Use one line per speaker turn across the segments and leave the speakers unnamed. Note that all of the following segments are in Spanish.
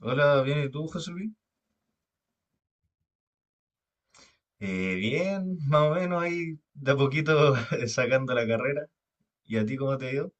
Hola, bien, ¿y tú, José Luis? Bien, más o menos ahí de a poquito sacando la carrera. ¿Y a ti cómo te ha ido?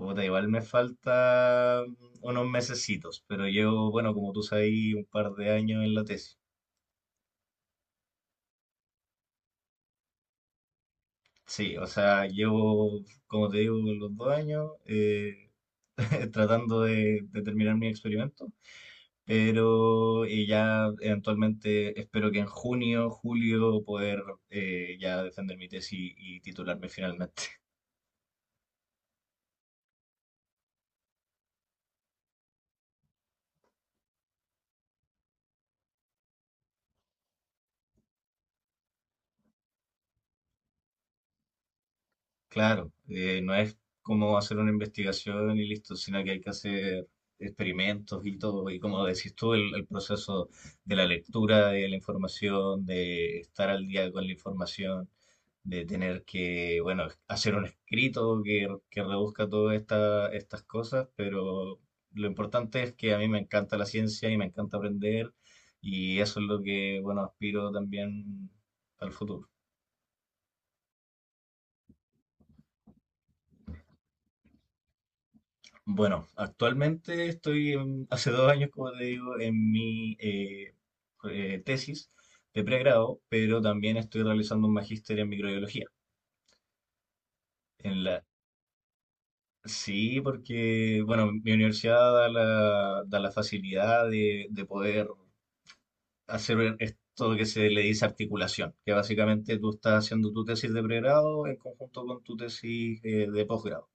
Puta, igual me falta unos mesecitos, pero llevo, bueno, como tú sabes, un par de años en la tesis. Sí, o sea, llevo, como te digo, los 2 años tratando de terminar mi experimento, pero ya eventualmente espero que en junio, julio, poder ya defender mi tesis y titularme finalmente. Claro, no es como hacer una investigación y listo, sino que hay que hacer experimentos y todo. Y como decís tú, el proceso de la lectura de la información, de estar al día con la información, de tener que, bueno, hacer un escrito que reduzca todas estas cosas, pero lo importante es que a mí me encanta la ciencia y me encanta aprender y eso es lo que, bueno, aspiro también al futuro. Bueno, actualmente hace 2 años, como te digo, en mi tesis de pregrado, pero también estoy realizando un magíster en microbiología. En la... Sí, porque, bueno, mi universidad da la facilidad de poder hacer esto que se le dice articulación, que básicamente tú estás haciendo tu tesis de pregrado en conjunto con tu tesis de posgrado.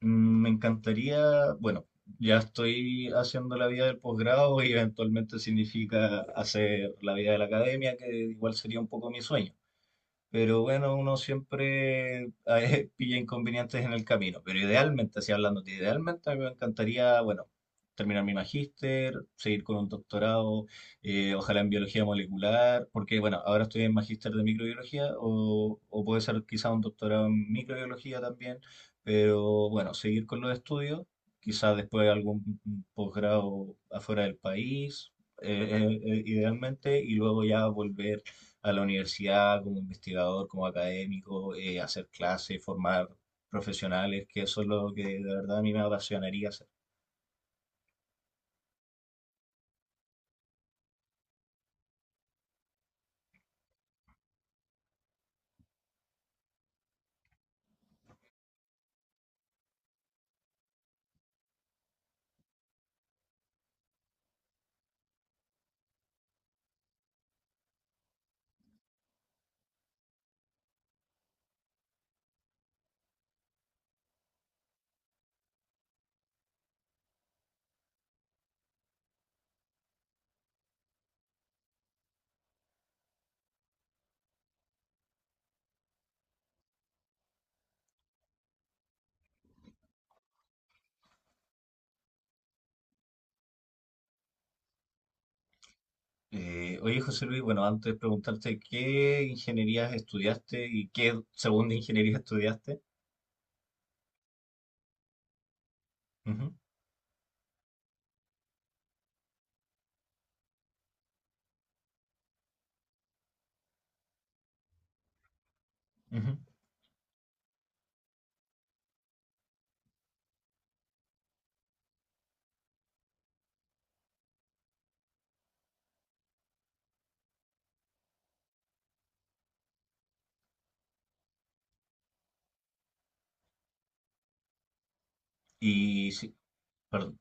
Me encantaría, bueno, ya estoy haciendo la vida del posgrado y eventualmente significa hacer la vida de la academia, que igual sería un poco mi sueño. Pero bueno, uno siempre a veces pilla inconvenientes en el camino. Pero idealmente, así hablando, idealmente a mí me encantaría, bueno, terminar mi magíster, seguir con un doctorado, ojalá en biología molecular, porque bueno, ahora estoy en magíster de microbiología o puede ser quizá un doctorado en microbiología también. Pero bueno, seguir con los estudios, quizás después algún posgrado afuera del país, idealmente, y luego ya volver a la universidad como investigador, como académico, hacer clases, formar profesionales, que eso es lo que de verdad a mí me apasionaría hacer. Oye, José Luis, bueno, antes de preguntarte qué ingenierías estudiaste y qué segunda ingeniería estudiaste. Ujú, ujú. Y sí, perdón,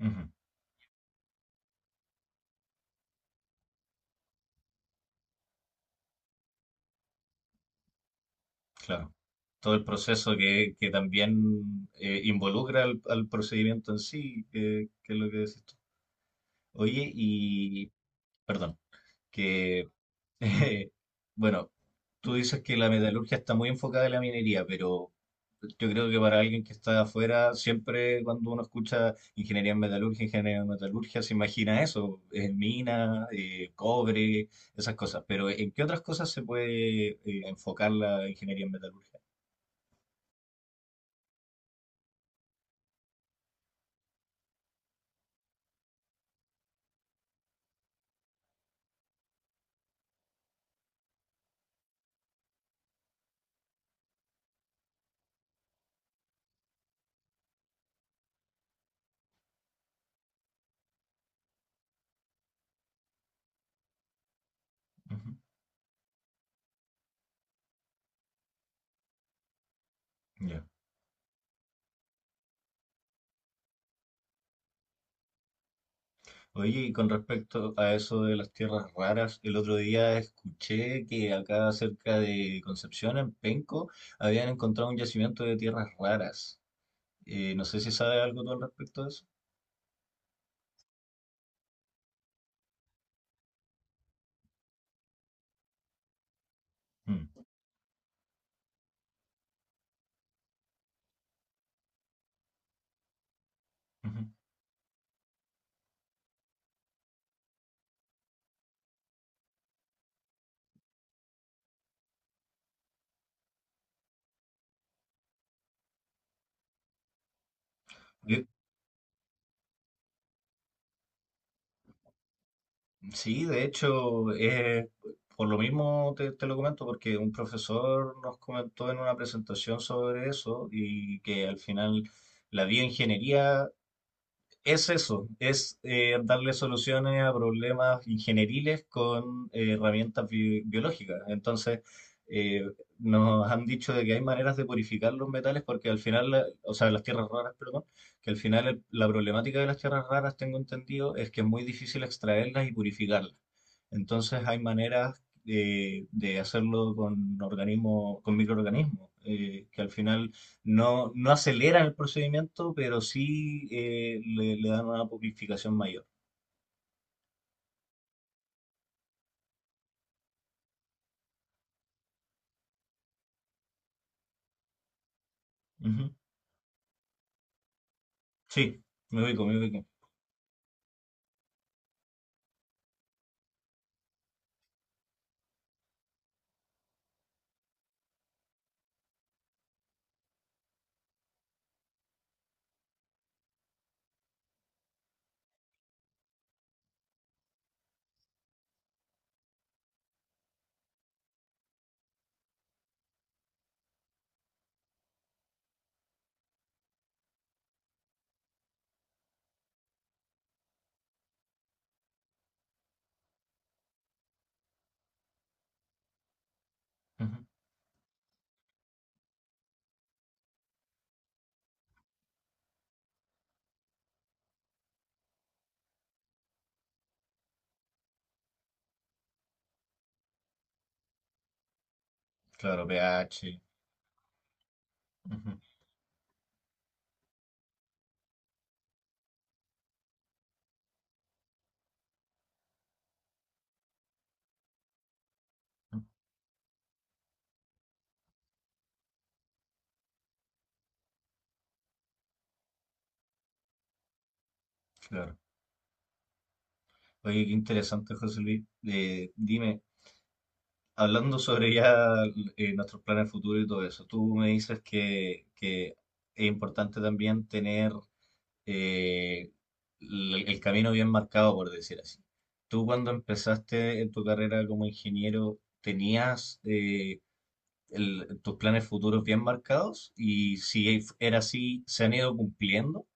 ujú, claro. Todo el proceso que también involucra al procedimiento en sí, que es lo que decís tú. Oye, y perdón, que, Eh, bueno, tú dices que la metalurgia está muy enfocada en la minería, pero yo creo que para alguien que está afuera, siempre cuando uno escucha ingeniería en metalurgia, se imagina eso, mina, cobre, esas cosas. Pero ¿en qué otras cosas se puede enfocar la ingeniería en metalurgia? Ujú, ya. Oye, y con respecto a eso de las tierras raras, el otro día escuché que acá cerca de Concepción, en Penco, habían encontrado un yacimiento de tierras raras. No sé si sabes algo tú al respecto de eso. Mm, ujú. Yo- Sí, de hecho, por lo mismo te lo comento, porque un profesor nos comentó en una presentación sobre eso y que al final la bioingeniería es eso, es darle soluciones a problemas ingenieriles con herramientas biológicas. Entonces, eh, nos han dicho de que hay maneras de purificar los metales porque al final, o sea, las tierras raras, perdón, que al final la problemática de las tierras raras, tengo entendido, es que es muy difícil extraerlas y purificarlas. Entonces, hay maneras de hacerlo con organismos, con microorganismos, que al final no aceleran el procedimiento, pero sí le dan una purificación mayor. Ujú. Sí, me ubico, me ubico. Ujú. Claro, pH. Ujú, ujú, claro. Oye, qué interesante, José Luis. Dime, hablando sobre ya nuestros planes futuros y todo eso, tú me dices que es importante también tener eh, el camino bien marcado, por decir así. Tú cuando empezaste en tu carrera como ingeniero, ¿tenías tus planes futuros bien marcados y si era así, se han ido cumpliendo?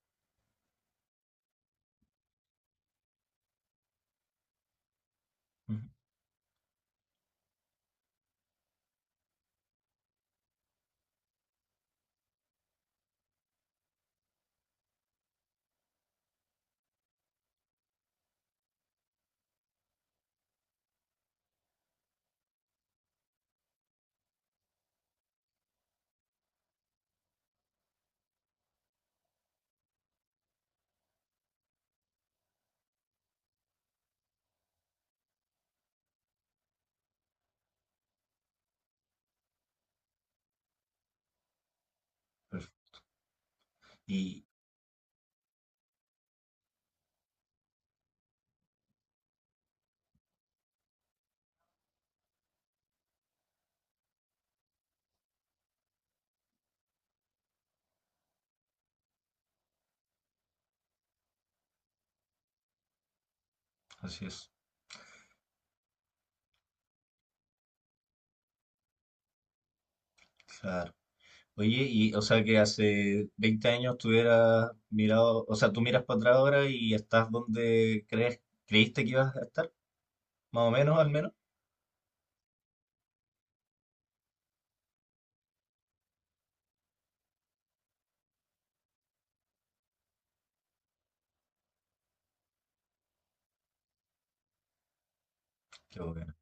Ujú, perfecto. Y así es, claro. Oye, y o sea que hace 20 años tú hubieras mirado, o sea, tú miras para atrás ahora y estás donde crees, creíste que ibas a estar, más o menos, al menos. Qué bueno.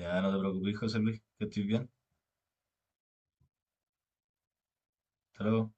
Ya no te preocupes, José Luis, que estoy bien. Hasta luego.